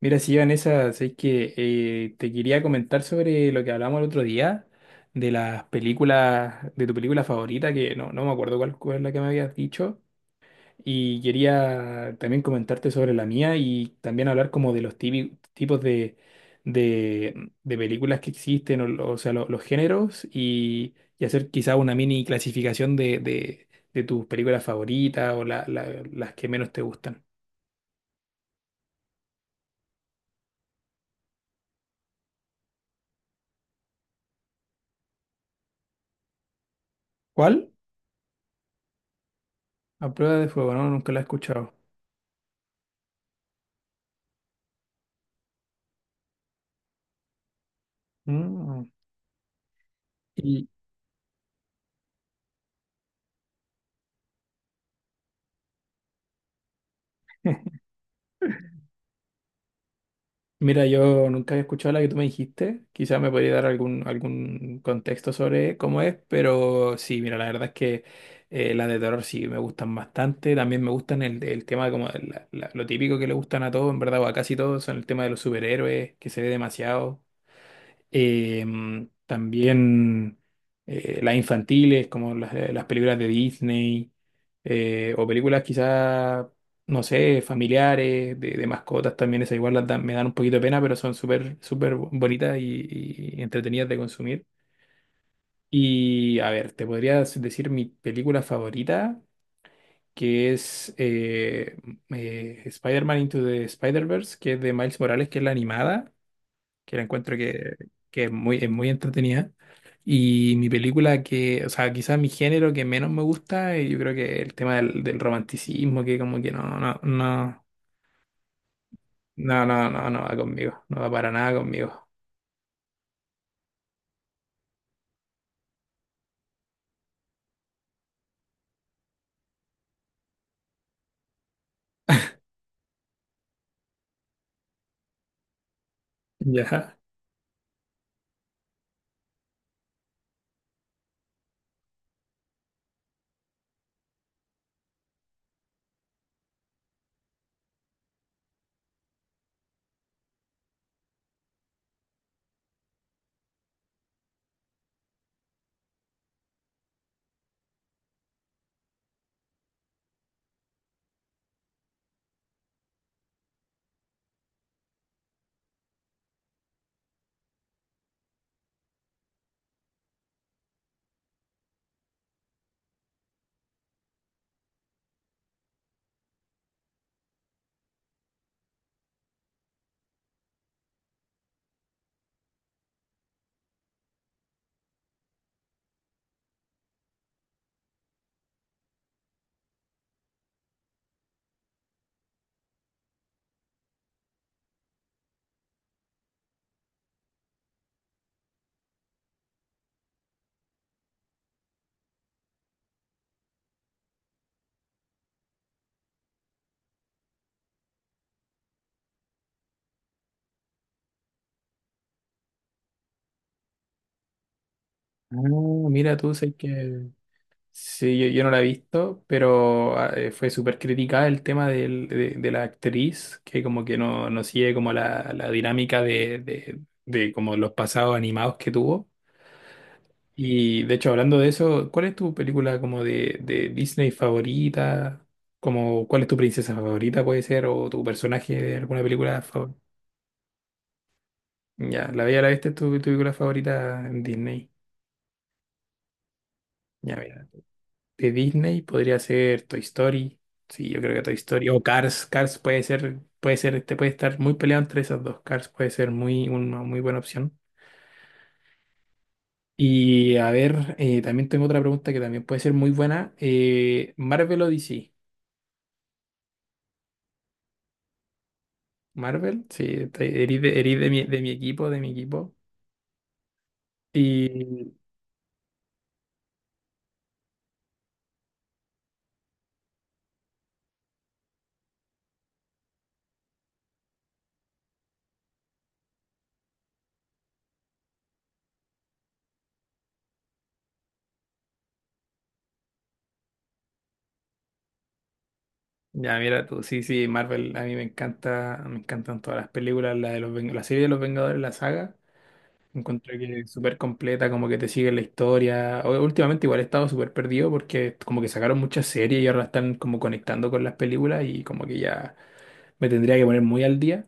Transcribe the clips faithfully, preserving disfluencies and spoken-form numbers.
Mira, sí, Vanessa, sé que eh, te quería comentar sobre lo que hablamos el otro día, de las películas, de tu película favorita, que no, no me acuerdo cuál, cuál es la que me habías dicho, y quería también comentarte sobre la mía y también hablar como de los tipi- tipos de, de, de películas que existen, o, lo- o sea, lo- los géneros, y, y hacer quizá una mini clasificación de, de, de tus películas favoritas o la- la- las que menos te gustan. ¿Cuál? A prueba de fuego, no, nunca la he escuchado. Mm. Y mira, yo nunca había escuchado la que tú me dijiste. Quizás me podría dar algún, algún contexto sobre cómo es, pero sí, mira, la verdad es que eh, las de terror sí me gustan bastante. También me gustan el, el tema como de la- la- lo típico que le gustan a todos, en verdad, o a casi todos, son el tema de los superhéroes, que se ve demasiado. Em, también eh, las infantiles, como las, eh, las películas de Disney, eh, o películas quizás, no sé, familiares, de, de mascotas también, esas igual las dan- me dan un poquito de pena, pero son súper, súper bonitas y, y entretenidas de consumir. Y a ver, te podría decir mi película favorita, que es eh, eh, Spider-Man Into the Spider-Verse, que es de Miles Morales, que es la animada que la encuentro que, que es muy, es muy entretenida. Y mi película que, o sea, quizás mi género que menos me gusta, eh, yo creo que el tema del, del romanticismo, que como que no, no, no, no, no, no, no va conmigo, no va para nada conmigo. Ya. Ah, mira tú, sé que sí, yo, yo no la he visto, pero ah, eh, fue súper criticada el tema del- de, de la actriz, que como que no, no sigue como la, la dinámica de, de, de como los pasados animados que tuvo. Y de hecho, hablando de eso, ¿cuál es tu película como de, de Disney favorita? Como, ¿cuál es tu princesa favorita puede ser? ¿O tu personaje de alguna película favorita? Ya, La Bella y la Bestia es tu, tu película favorita en Disney. Ya, mira. De Disney podría ser Toy Story. Sí, yo creo que Toy Story. O Cars. Cars puede ser, puede ser, este puede estar muy peleado entre esas dos. Cars puede ser muy, una muy buena opción. Y a ver, eh, también tengo otra pregunta que también puede ser muy buena. Eh, ¿Marvel o D C? Marvel, sí, te- erí de, erí de mi, de mi equipo, de mi equipo. Y ya, mira tú, sí, sí, Marvel, a mí me encanta, me encantan todas las películas, la de los, Ven- la serie de los Vengadores, la saga. Encuentro que es súper completa, como que te sigue la historia. O- Últimamente igual he estado súper perdido porque como que sacaron muchas series y ahora la están como conectando con las películas y como que ya me tendría que poner muy al día.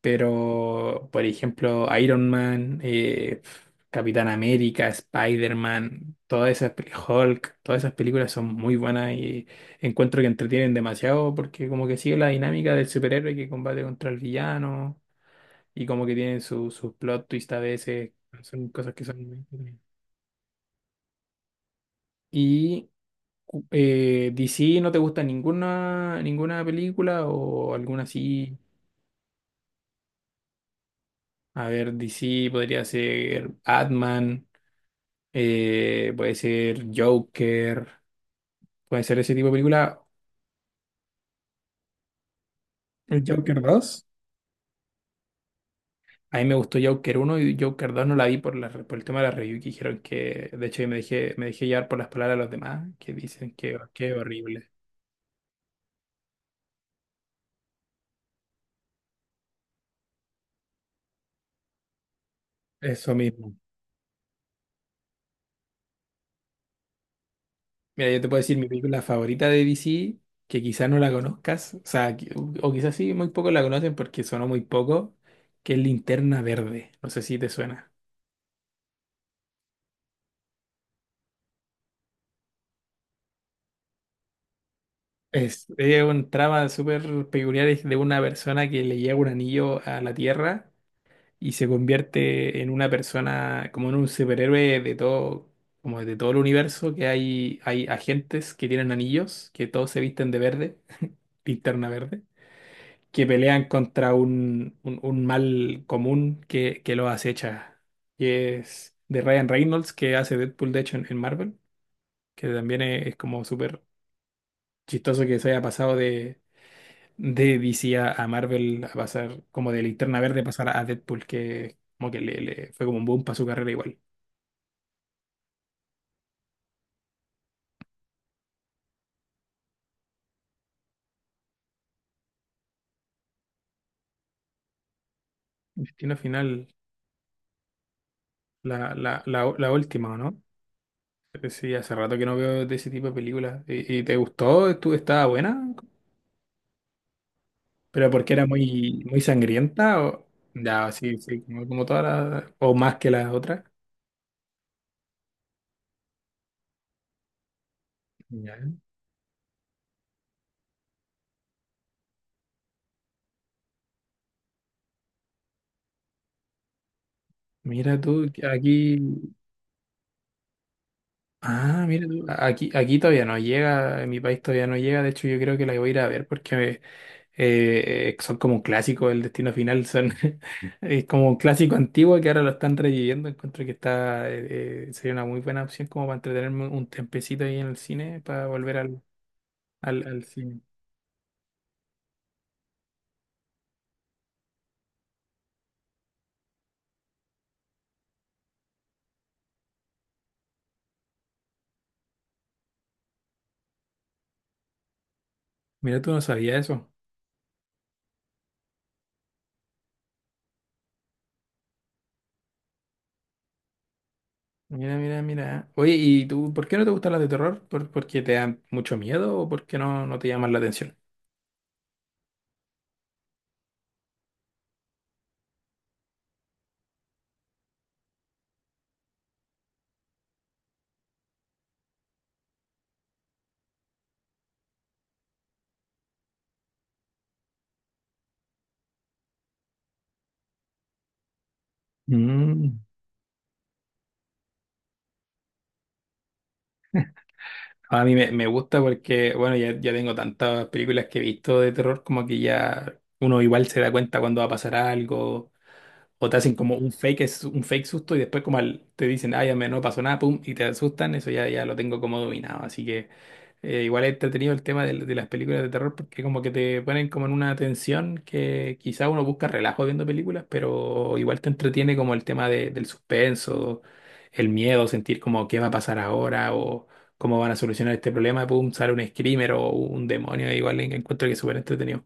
Pero, por ejemplo, Iron Man, eh, Capitán América, Spider-Man, todas esas, pel- Hulk, todas esas películas son muy buenas y encuentro que entretienen demasiado porque como que sigue la dinámica del superhéroe que combate contra el villano y como que tienen su- sus plot twist a veces, son cosas que son muy entretenidas. ¿Y cu- eh, D C no te gusta ninguna, ninguna película o alguna así? A ver, D C podría ser Batman. Eh, puede ser Joker, puede ser ese tipo de película. ¿El Joker dos? A mí me gustó Joker uno y Joker dos no la vi por, la, por el tema de la review que dijeron que, de hecho, yo me dejé, me dejé llevar por las palabras de los demás que dicen que que horrible. Eso mismo. Mira, yo te puedo decir mi película favorita de D C, que quizás no la conozcas, o sea, que- o quizás sí, muy pocos la conocen porque sonó muy poco, que es Linterna Verde. No sé si te suena. Es, es un trama súper peculiar, es de una persona que le llega un anillo a la Tierra y se convierte en una persona, como en un superhéroe de todo, como de todo el universo, que hay, hay agentes que tienen anillos, que todos se visten de verde, linterna verde, que pelean contra un, un, un mal común que, que los acecha. Y es de Ryan Reynolds, que hace Deadpool, de hecho, en, en Marvel, que también es, es como súper chistoso que se haya pasado de de D C a, a Marvel, a pasar como de Linterna Verde, pasar a Deadpool, que como que le, le fue como un boom para su carrera igual. Destino Final, la, la, la, la última, ¿o ¿no? Sí, hace rato que no veo de ese tipo de películas. ¿Y, y te gustó? ¿Estu- Estaba buena? ¿Pero porque era muy, muy sangrienta? ¿O? Ya, sí, sí, como, como todas las... ¿O más que las otras? Ya. Mira tú, que aquí... Ah, mira tú. Aquí, aquí todavía no llega, en mi país todavía no llega. De hecho, yo creo que la voy a ir a ver porque eh, son como un clásico del Destino Final, son es como un clásico antiguo que ahora lo están reviviendo. Encuentro que está eh, eh, sería una muy buena opción como para entretenerme un tempecito ahí en el cine para volver al, al, al cine. Mira, tú no sabías eso. Mira, mira, mira. Oye, ¿y tú por qué no te gustan las de terror? ¿Por, porque te dan mucho miedo o porque no, no te llaman la atención? Mm. A mí me, me gusta porque, bueno, ya, ya tengo tantas películas que he visto de terror, como que ya uno igual se da cuenta cuando va a pasar algo. O te hacen como un fake, es un fake susto y después como al- te dicen, ay, a mí no pasó nada, pum, y te asustan, eso ya, ya lo tengo como dominado. Así que eh, igual he entretenido el tema de, de las películas de terror porque como que te ponen como en una tensión que quizá uno busca relajo viendo películas, pero igual te entretiene como el tema de- del suspenso, el miedo, sentir como qué va a pasar ahora o cómo van a solucionar este problema, pum, sale un screamer o un demonio, igual en- encuentro que es súper entretenido.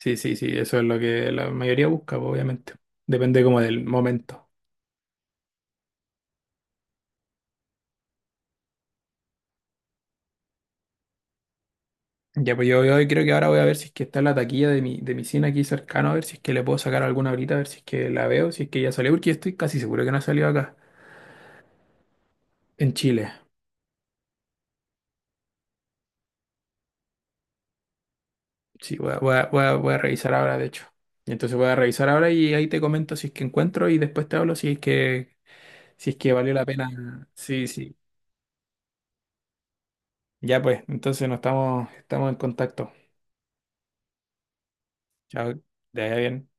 Sí, sí, sí, eso es lo que la mayoría busca, pues, obviamente. Depende como del momento. Ya, pues yo, yo creo que ahora voy a ver si es que está en la taquilla de mi, de mi cine aquí cercano, a ver si es que le puedo sacar alguna ahorita, a ver si es que la veo, si es que ya salió, porque estoy casi seguro que no ha salido acá, en Chile. Sí, voy a, voy a, voy a- voy a revisar ahora, de hecho. Y entonces voy a revisar ahora y ahí te comento si es que encuentro y después te hablo si es que, si es que valió la pena. Sí, sí. Ya, pues, entonces nos estamos, estamos en contacto. Chao, te vaya bien.